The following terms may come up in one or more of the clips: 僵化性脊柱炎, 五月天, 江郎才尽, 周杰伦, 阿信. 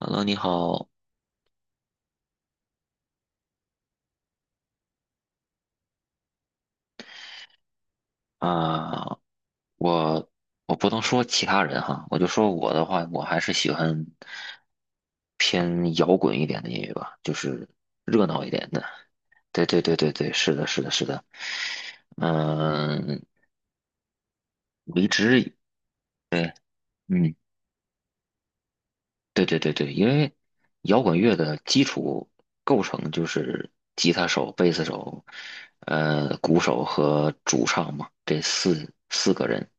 Hello，你好啊，我我不能说其他人哈，我就说我的话，我还是喜欢偏摇滚一点的音乐吧，就是热闹一点的。对对对对对，是的，是的，是的。嗯，离职，嗯，对对对对，因为摇滚乐的基础构成就是吉他手、贝斯手、鼓手和主唱嘛，这四个人。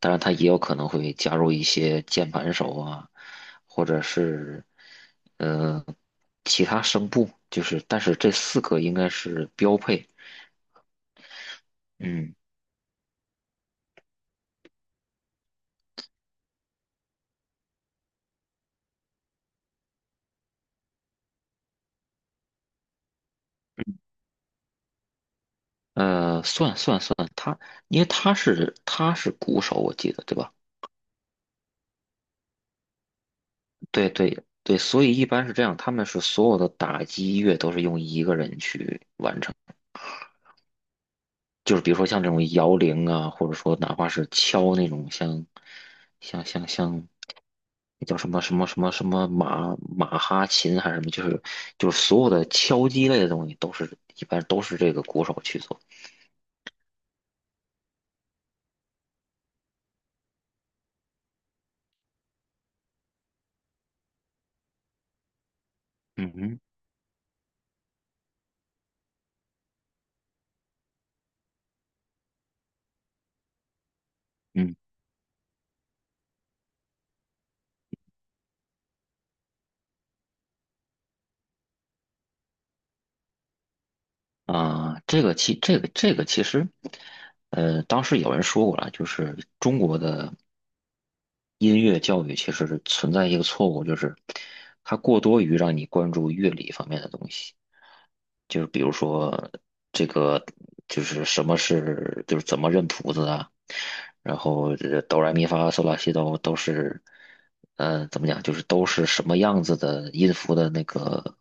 当然，他也有可能会加入一些键盘手啊，或者是呃其他声部，就是但是这四个应该是标配。嗯，呃，算算算，他因为他是他是鼓手，我记得对吧？对对对，所以一般是这样，他们是所有的打击乐都是用一个人去完成，就是比如说像这种摇铃啊，或者说哪怕是敲那种像像像像那叫什么什么什么什么马马哈琴还是什么，就是就是所有的敲击类的东西都是一般都是这个鼓手去做。嗯哼，嗯啊，这个其这个这个其实，当时有人说过了，就是中国的。音乐教育其实是存在一个错误，就是它过多于让你关注乐理方面的东西，就是比如说这个就是什么是就是怎么认谱子啊，然后这哆来咪发嗦拉西哆都是，怎么讲就是都是什么样子的音符的那个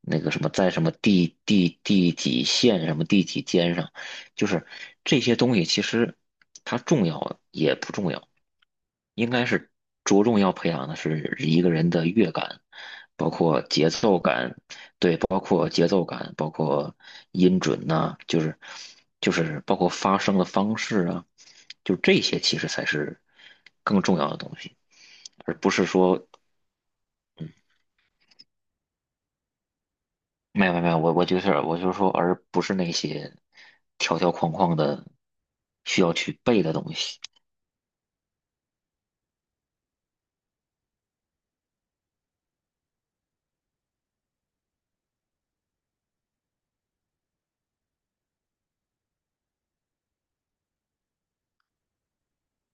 那个什么在什么第几线什么第几间上，就是这些东西其实它重要也不重要。应该是着重要培养的是一个人的乐感，包括节奏感，对，包括节奏感，包括音准呐、就是包括发声的方式啊，就这些其实才是更重要的东西，而不是说没有没有没有，我就是说，而不是那些条条框框的需要去背的东西。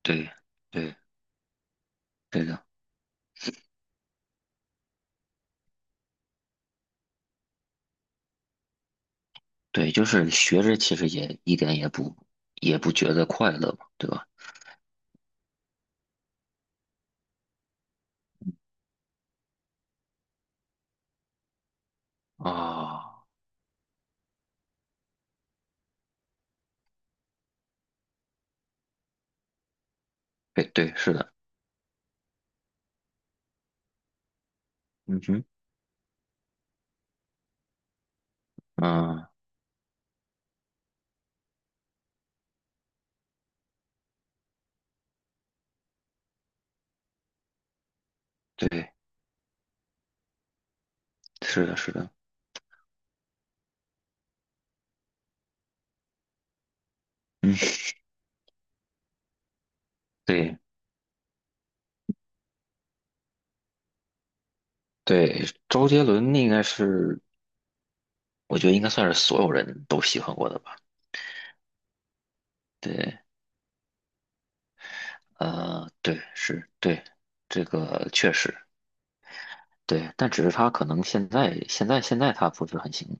对对对的。对，就是学着其实也一点也不觉得快乐嘛，对吧？啊、对对，是的，嗯哼，嗯，对，是的，是的，嗯，对对，周杰伦应该是，我觉得应该算是所有人都喜欢过的吧。对，对，是，对，这个确实，对，但只是他可能现在他不是很行。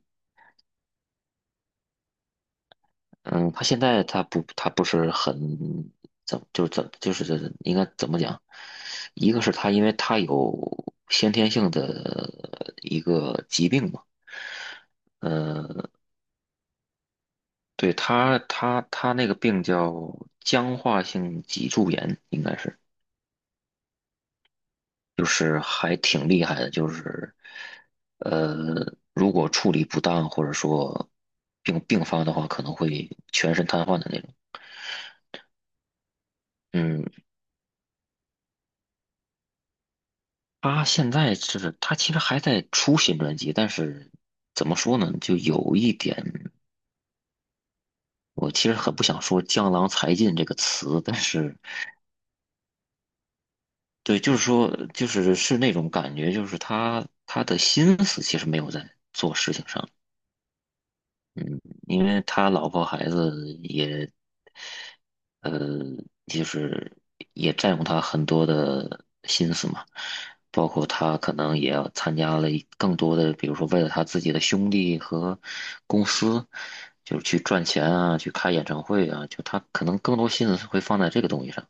嗯，他现在他不是很怎么就是怎就是应该怎么讲？一个是他因为他有先天性的一个疾病嘛，呃，对他那个病叫僵化性脊柱炎，应该是就是还挺厉害的，就是呃，如果处理不当或者说病发的话，可能会全身瘫痪的那种。嗯，他现在是，他其实还在出新专辑，但是怎么说呢，就有一点，我其实很不想说"江郎才尽"这个词，但是对，就是说，就是那种感觉，就是他的心思其实没有在做事情上，因为他老婆孩子也，呃，就是也占用他很多的心思嘛，包括他可能也要参加了一更多的，比如说为了他自己的兄弟和公司，就是去赚钱啊，去开演唱会啊，就他可能更多心思会放在这个东西上。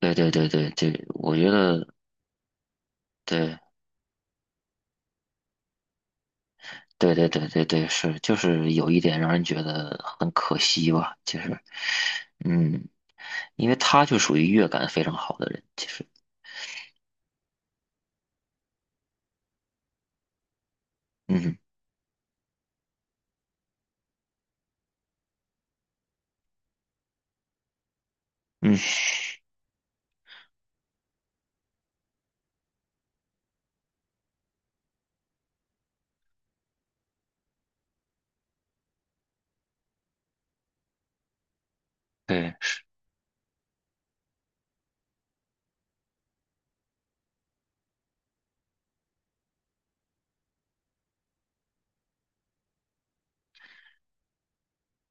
对对对对对，我觉得对对对对对对是，就是有一点让人觉得很可惜吧，就是嗯。因为他就属于乐感非常好的人，其实，嗯嗯对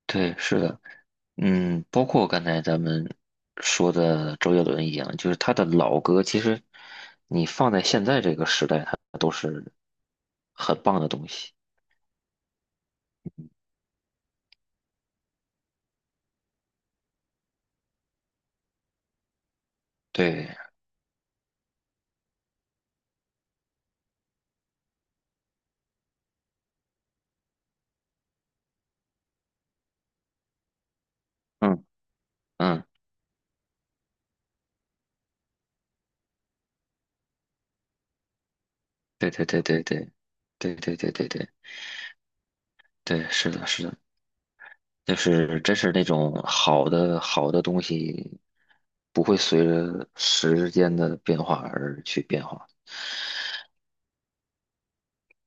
对，是的，嗯，包括刚才咱们说的周杰伦一样，就是他的老歌，其实你放在现在这个时代，它都是很棒的东西。对，嗯嗯，对对对对对，对对对对对对，是的，是的，就是真是那种好的好的东西，不会随着时间的变化而去变化。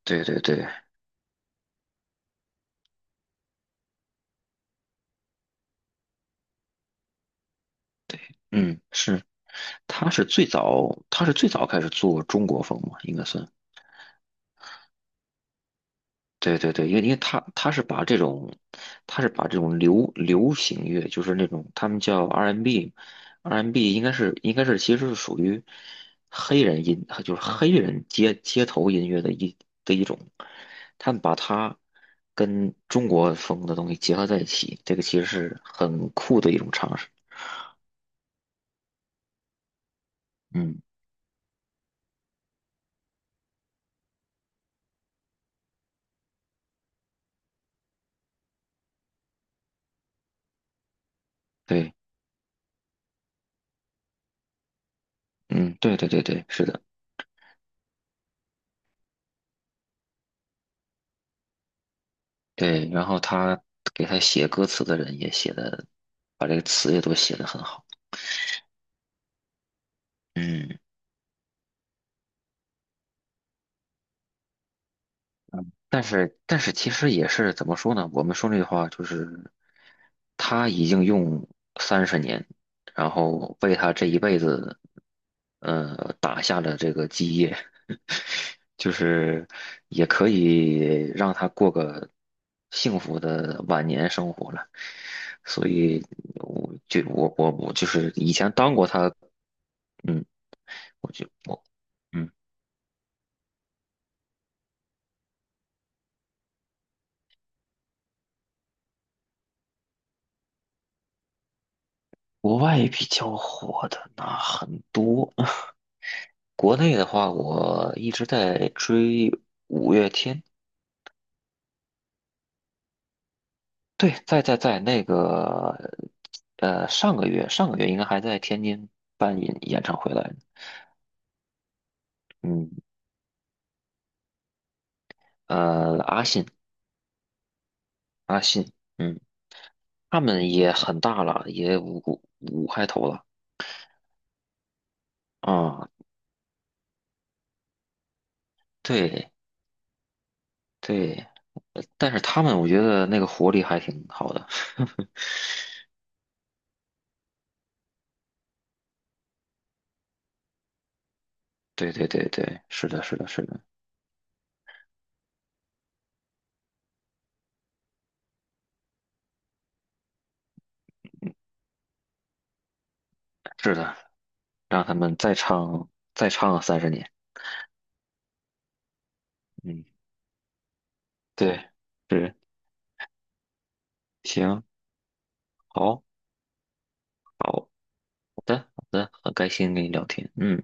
对对对，对，嗯，是，他是最早开始做中国风嘛，应该算。对对对，因为他是把这种流行乐，就是那种他们叫 R&B，R&B 应该是其实是属于黑人音，就是黑人街头音乐的一种，他们把它跟中国风的东西结合在一起，这个其实是很酷的一种尝试。嗯，对，嗯，对对对对，是的。对，然后他给他写歌词的人也写的，把这个词也都写得很好。嗯，但是其实也是怎么说呢？我们说那句话就是，他已经用三十年，然后为他这一辈子，打下了这个基业，就是也可以让他过个幸福的晚年生活了。所以我就是以前当过他嗯，我嗯，国外比较火的那很多，国内的话，我一直在追五月天。对，在那个，上个月应该还在天津办演唱会来着。嗯，阿信阿信，嗯，他们也很大了，也五开头了啊。对对，但是他们我觉得那个活力还挺好的。对对对对，是的，是的，是的，是的，让他们再唱啊三十年。嗯，对，是，行，好，好的，好的，很开心跟你聊天。嗯。